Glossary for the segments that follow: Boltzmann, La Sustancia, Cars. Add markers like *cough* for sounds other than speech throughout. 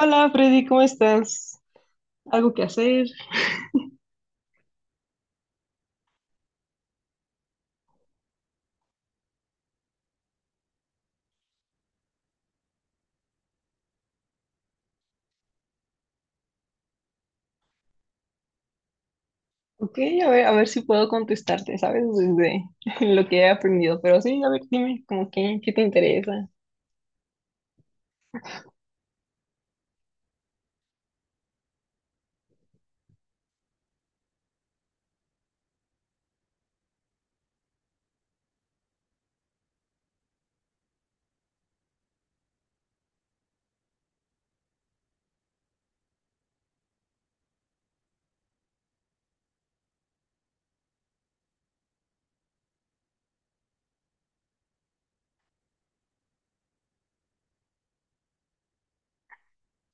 Hola Freddy, ¿cómo estás? ¿Algo que hacer? Ok, a ver si puedo contestarte, ¿sabes? Desde *laughs* lo que he aprendido. Pero sí, a ver, dime, como que, ¿qué te interesa?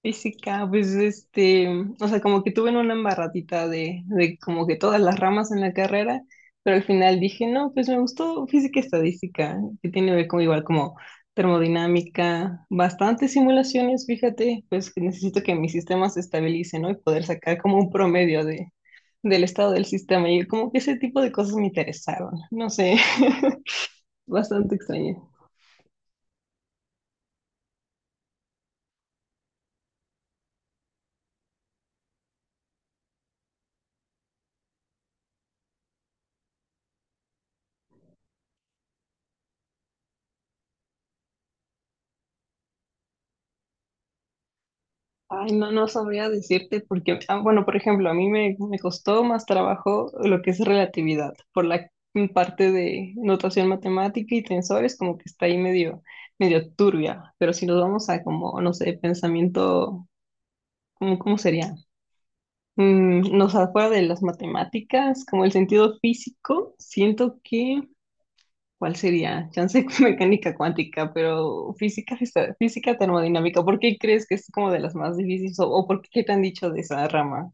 Física, pues este, o sea, como que tuve en una embarradita de como que todas las ramas en la carrera, pero al final dije, no, pues me gustó física y estadística, que tiene que ver con igual como termodinámica, bastantes simulaciones, fíjate, pues que necesito que mi sistema se estabilice, ¿no? Y poder sacar como un promedio de, del estado del sistema, y como que ese tipo de cosas me interesaron, no sé, *laughs* bastante extraño. Ay, no, no sabría decirte porque, ah, bueno, por ejemplo, a mí me costó más trabajo lo que es relatividad, por la parte de notación matemática y tensores, como que está ahí medio, medio turbia, pero si nos vamos a como, no sé, pensamiento, ¿cómo, cómo sería? No sé, fuera de las matemáticas, como el sentido físico, siento que ¿cuál sería? Chance *laughs* mecánica cuántica, pero física, física termodinámica. ¿Por qué crees que es como de las más difíciles? O por qué te han dicho de esa rama?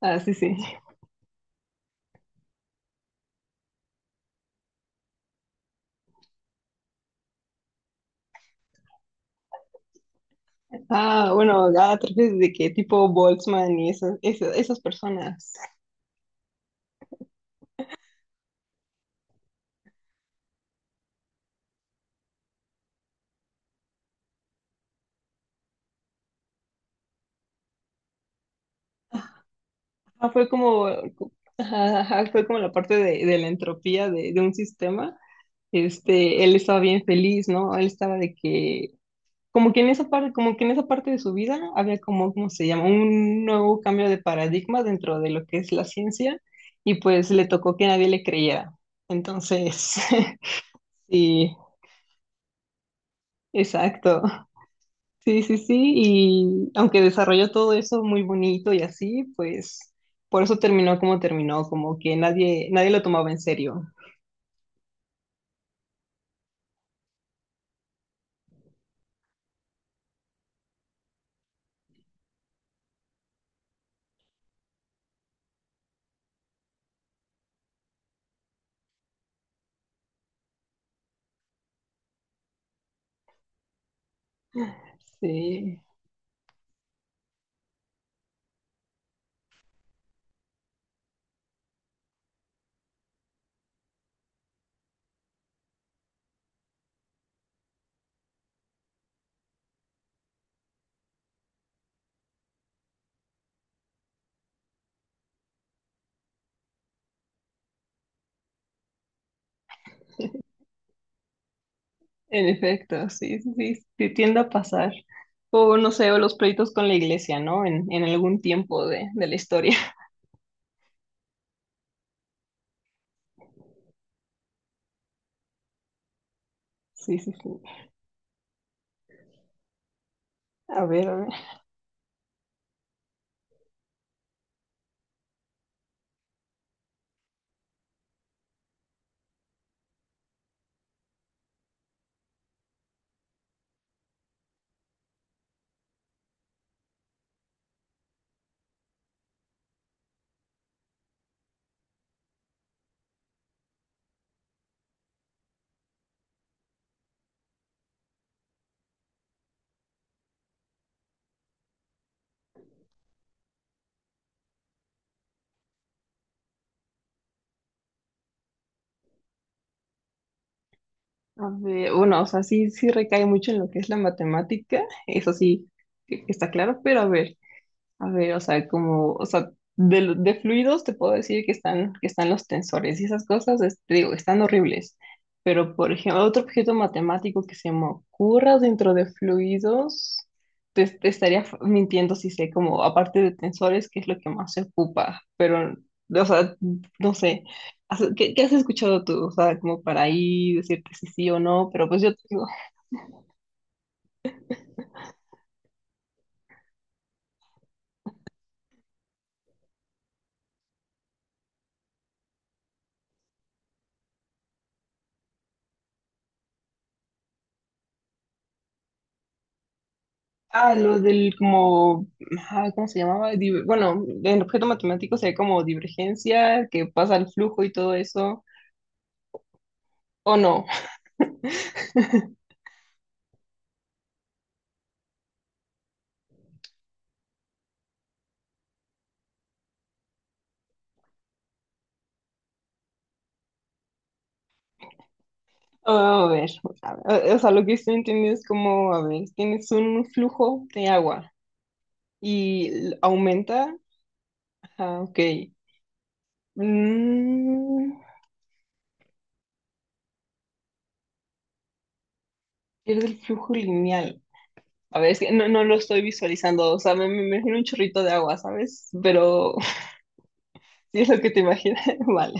Ah, sí, sí. *laughs* Ah, bueno, ah, te refieres de que tipo Boltzmann y esas personas. Ah, fue como, ajá, ajá, fue como la parte de la entropía de un sistema. Este, él estaba bien feliz, ¿no? Él estaba de que como que en esa parte, como que en esa parte de su vida había como, ¿cómo se llama? Un nuevo cambio de paradigma dentro de lo que es la ciencia y pues le tocó que nadie le creyera. Entonces, *laughs* sí, exacto. Sí, sí, sí. Y aunque desarrolló todo eso muy bonito y así, pues por eso terminó, como que nadie, nadie lo tomaba en serio. Sí. En efecto, sí, sí, sí, sí, tiende a pasar. O no sé, o los pleitos con la iglesia, ¿no? En algún tiempo de la historia. *laughs* Sí, sí, sí. A ver, a ver, a ver. Bueno, o sea, sí, sí recae mucho en lo que es la matemática, eso sí, que está claro, pero a ver, a ver, o sea, como, o sea, de, de fluidos te puedo decir que están los tensores y esas cosas, te digo, están horribles. Pero, por ejemplo, otro objeto matemático que se me ocurra dentro de fluidos, te estaría mintiendo si sé, como, aparte de tensores, qué es lo que más se ocupa. Pero, o sea, no sé, ¿qué, qué has escuchado tú? O sea, como para ahí decirte si sí o no, pero pues yo, ah, lo del como, ah, ¿cómo se llamaba? Bueno, en objeto matemático se ve como divergencia, que pasa el flujo y todo eso, o no. *laughs* Oh, a ver, a ver, o sea, lo que estoy entendiendo es como, a ver, tienes un flujo de agua y aumenta, ajá, ok, mm, pierde el flujo lineal. A ver, es que no, no lo estoy visualizando, o sea, me imagino un chorrito de agua, ¿sabes? Pero *laughs* si es lo que te imaginas, *laughs* vale.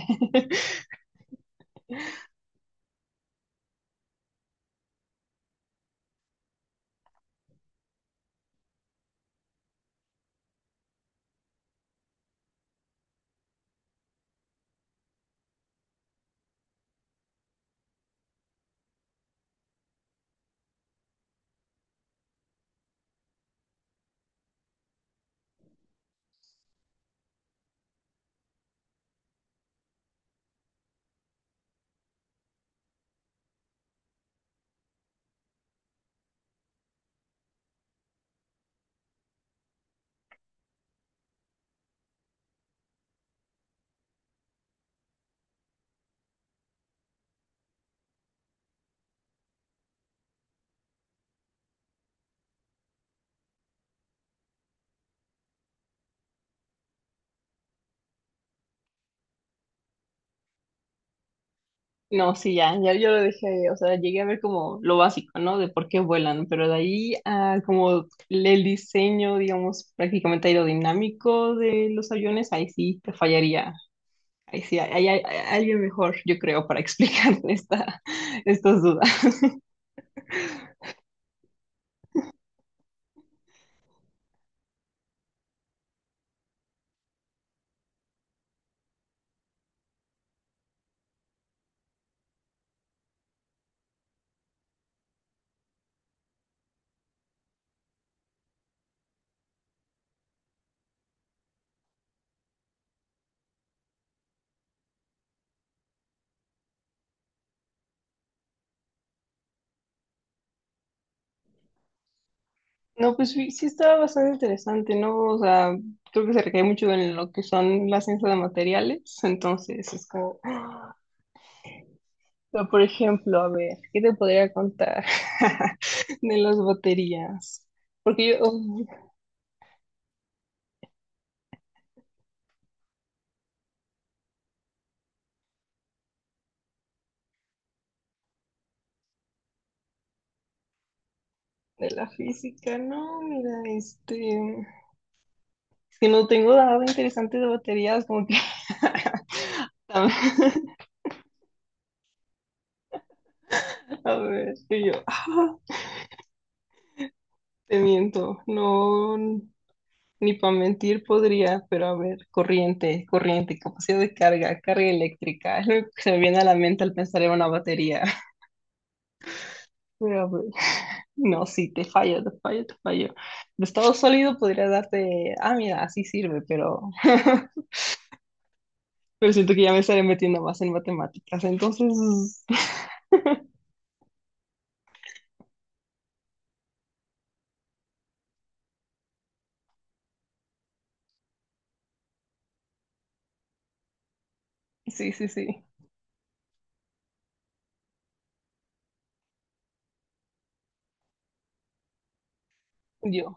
No, sí, ya, ya yo lo dejé, o sea, llegué a ver como lo básico, ¿no? De por qué vuelan, pero de ahí a como el diseño, digamos, prácticamente aerodinámico de los aviones, ahí sí te fallaría, ahí sí, hay, hay alguien mejor, yo creo, para *laughs* explicar esta, estas dudas. No, pues sí, sí estaba bastante interesante, ¿no? O sea, creo que se recae mucho en lo que son la ciencia de materiales, entonces es como... Pero, por ejemplo, a ver, ¿qué te podría contar *laughs* de las baterías? Porque yo, oh, de la física, no, mira, este, es que no tengo nada interesante de baterías, como que, *laughs* a ver, y yo, ah, te miento, no, ni para mentir podría, pero a ver, corriente, corriente, capacidad de carga, carga eléctrica, *laughs* es lo que se me viene a la mente al pensar en una batería. *laughs* Pero a ver. No, sí, te fallo, te fallo, te fallo. De estado sólido podría darte, ah, mira, así sirve, pero, *laughs* pero siento que ya me estaré metiendo más en matemáticas. Entonces, *laughs* sí, sí, sí, yo.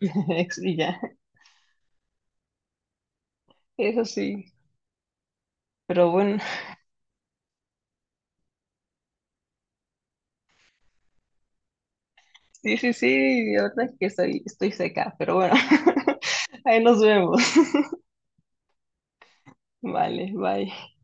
*laughs* Y ya, eso sí. Pero bueno, sí, sí, sí, la verdad es que estoy, estoy seca, pero bueno, *laughs* ahí nos vemos. Vale, bye.